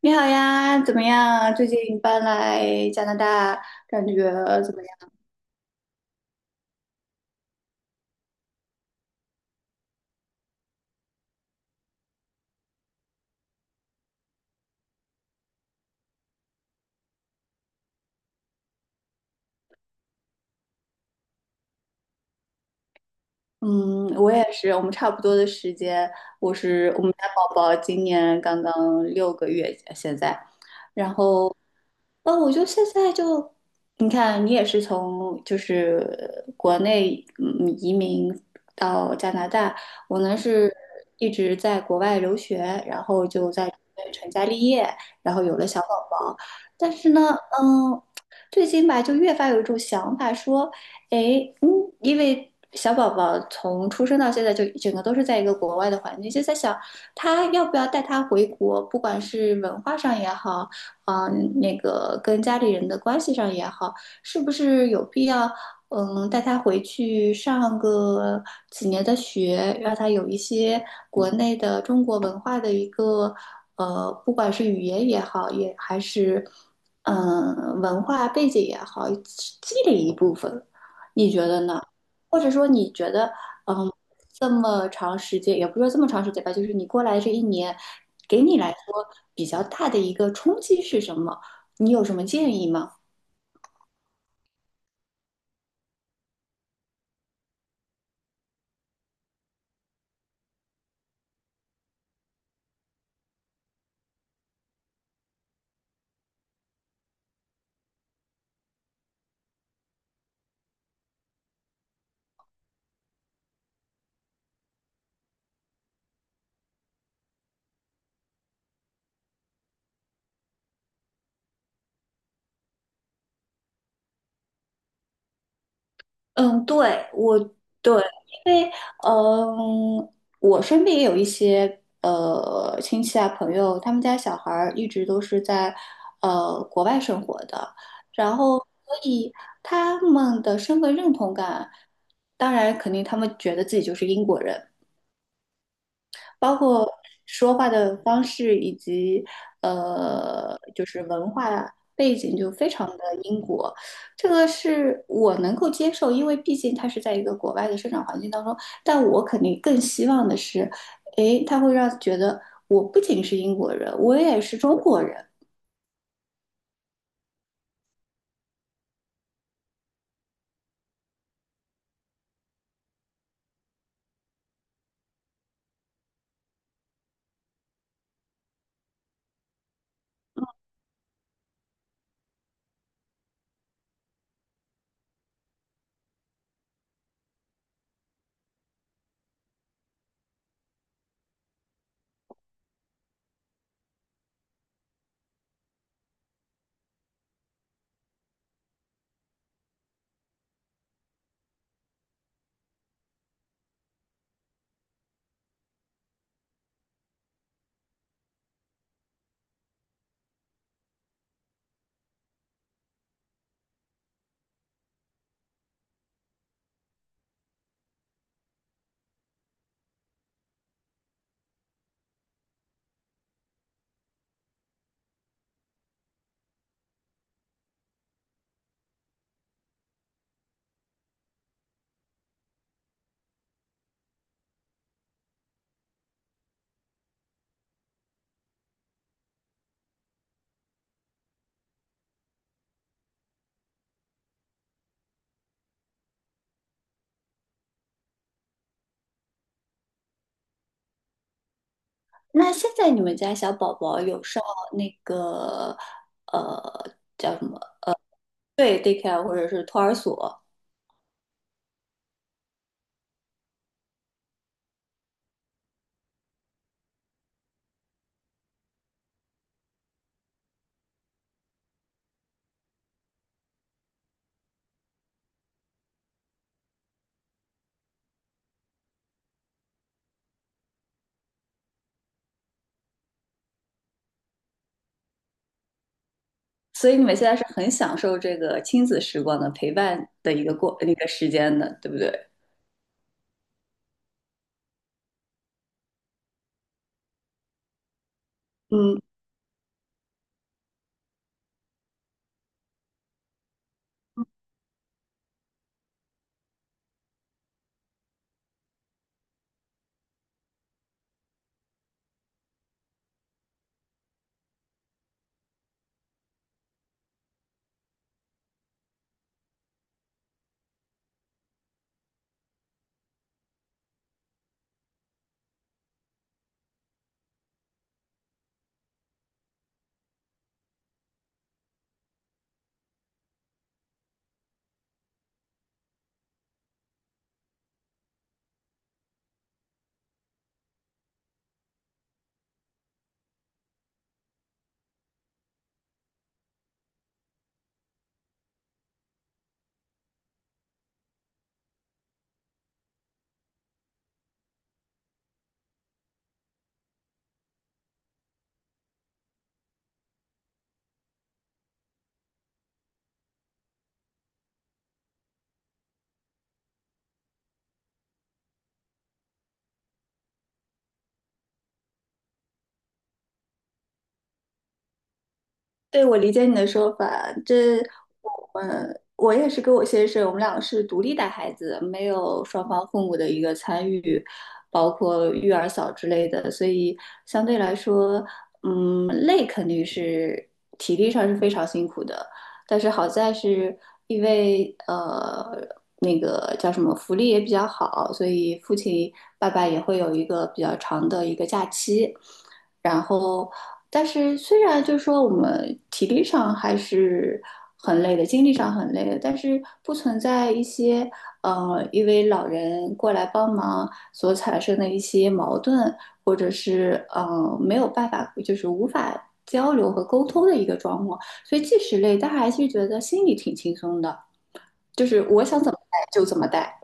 你好呀，怎么样？最近搬来加拿大，感觉怎么样？嗯，我也是，我们差不多的时间。我们家宝宝今年刚刚6个月，现在，然后，我就现在就，你看，你也是从就是国内移民到加拿大，我呢是一直在国外留学，然后就在这边成家立业，然后有了小宝宝，但是呢，嗯，最近吧，就越发有一种想法说。诶，因为小宝宝从出生到现在就整个都是在一个国外的环境，就在想他要不要带他回国，不管是文化上也好，那个跟家里人的关系上也好，是不是有必要，带他回去上个几年的学，让他有一些国内的中国文化的一个，不管是语言也好，也还是。文化背景也好，积累一部分。你觉得呢？或者说你觉得，嗯，这么长时间，也不是说这么长时间吧，就是你过来这一年，给你来说比较大的一个冲击是什么？你有什么建议吗？嗯，对，我对，因为嗯，我身边也有一些亲戚啊朋友，他们家小孩儿一直都是在国外生活的，然后所以他们的身份认同感，当然肯定他们觉得自己就是英国人，包括说话的方式以及就是文化背景就非常的英国，这个是我能够接受，因为毕竟他是在一个国外的生长环境当中，但我肯定更希望的是，诶，他会让觉得我不仅是英国人，我也是中国人。那现在你们家小宝宝有上那个叫什么？对 daycare 或者是托儿所？所以你们现在是很享受这个亲子时光的陪伴的一个过那个时间的，对不对？嗯，对，我理解你的说法。这，我也是跟我先生，我们两个是独立带孩子，没有双方父母的一个参与，包括育儿嫂之类的，所以相对来说，累肯定是体力上是非常辛苦的。但是好在是因为那个叫什么福利也比较好，所以爸爸也会有一个比较长的一个假期。然后但是虽然就是说我们体力上还是很累的，精力上很累的，但是不存在一些因为老人过来帮忙所产生的一些矛盾，或者是没有办法，就是无法交流和沟通的一个状况。所以即使累，但还是觉得心里挺轻松的，就是我想怎么带就怎么带。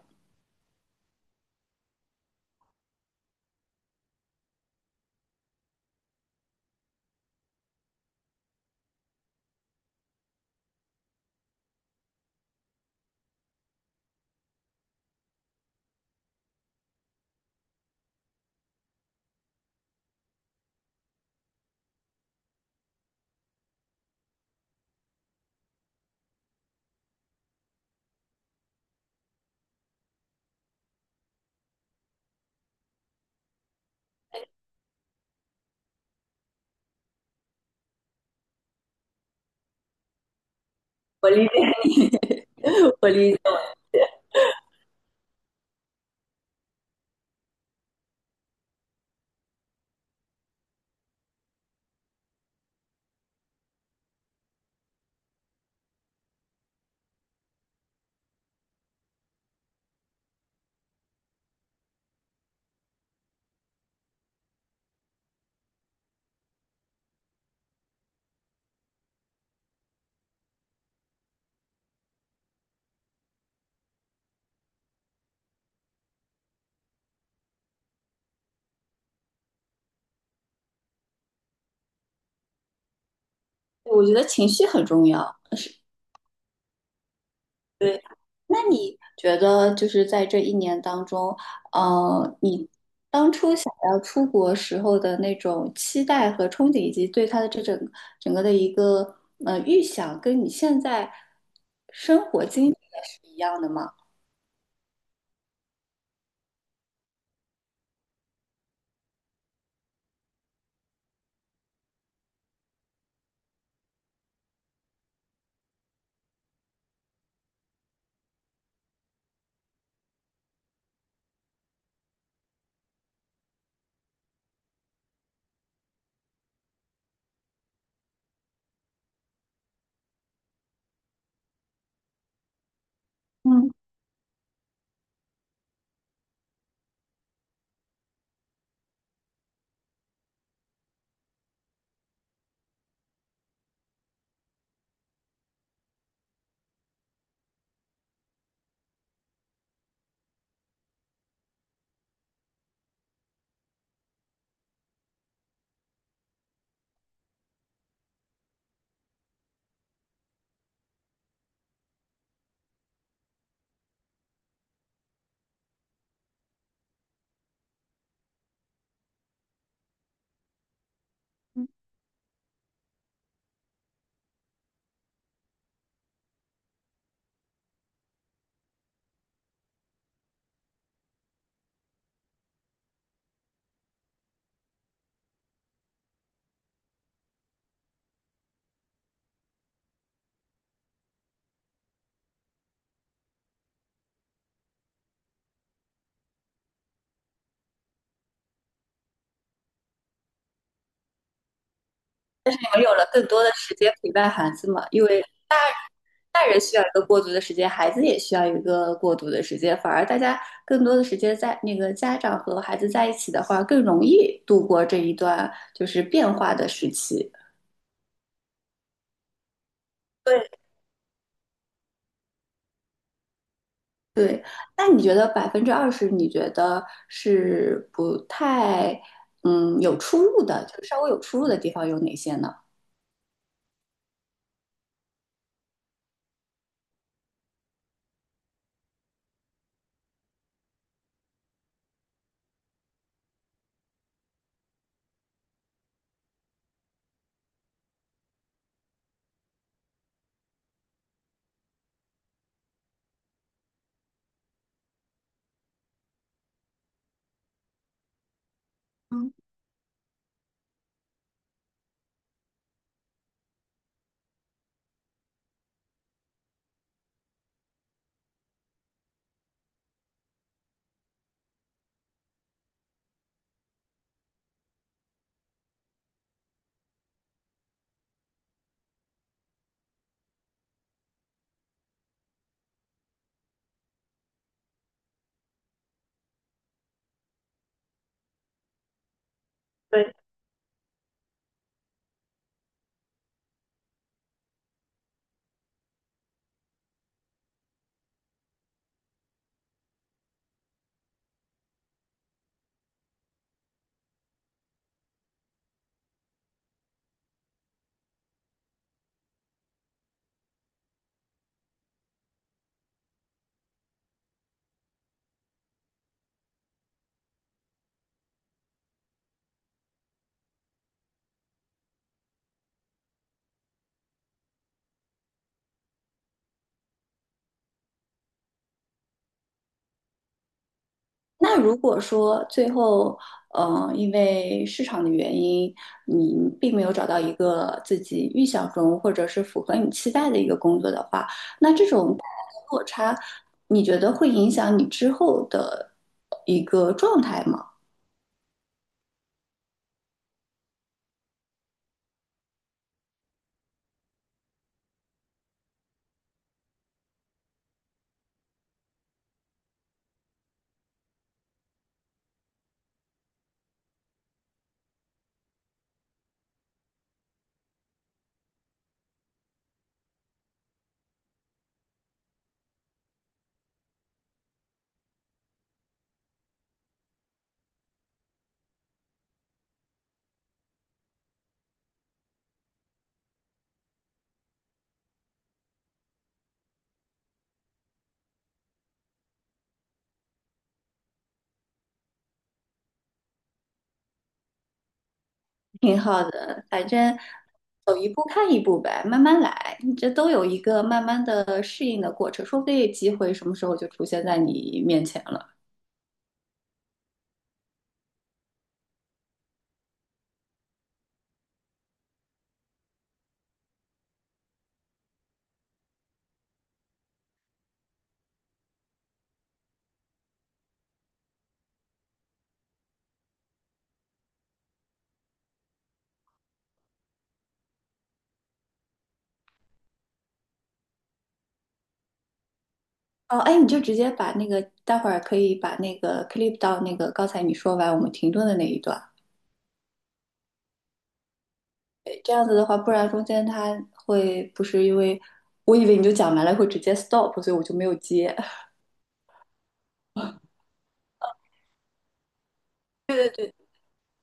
我理解你，我理解。我觉得情绪很重要，是对，那你觉得就是在这一年当中，你当初想要出国时候的那种期待和憧憬，以及对它的这整个的一个预想，跟你现在生活经历的是一样的吗？嗯。你们有了更多的时间陪伴孩子嘛，因为大人需要一个过渡的时间，孩子也需要一个过渡的时间。反而大家更多的时间在那个家长和孩子在一起的话，更容易度过这一段就是变化的时期。对，对，那你觉得20%，你觉得是不太有出入的，就是稍微有出入的地方有哪些呢？对。那如果说最后，因为市场的原因，你并没有找到一个自己预想中或者是符合你期待的一个工作的话，那这种带来的落差，你觉得会影响你之后的一个状态吗？挺好的，反正走一步看一步呗，慢慢来，你这都有一个慢慢的适应的过程，说不定机会什么时候就出现在你面前了。哦，哎，你就直接把那个，待会儿可以把那个 clip 到那个刚才你说完我们停顿的那一段。诶这样子的话，不然中间它会不是因为，我以为你就讲完了会直接 stop，所以我就没有接。对对对。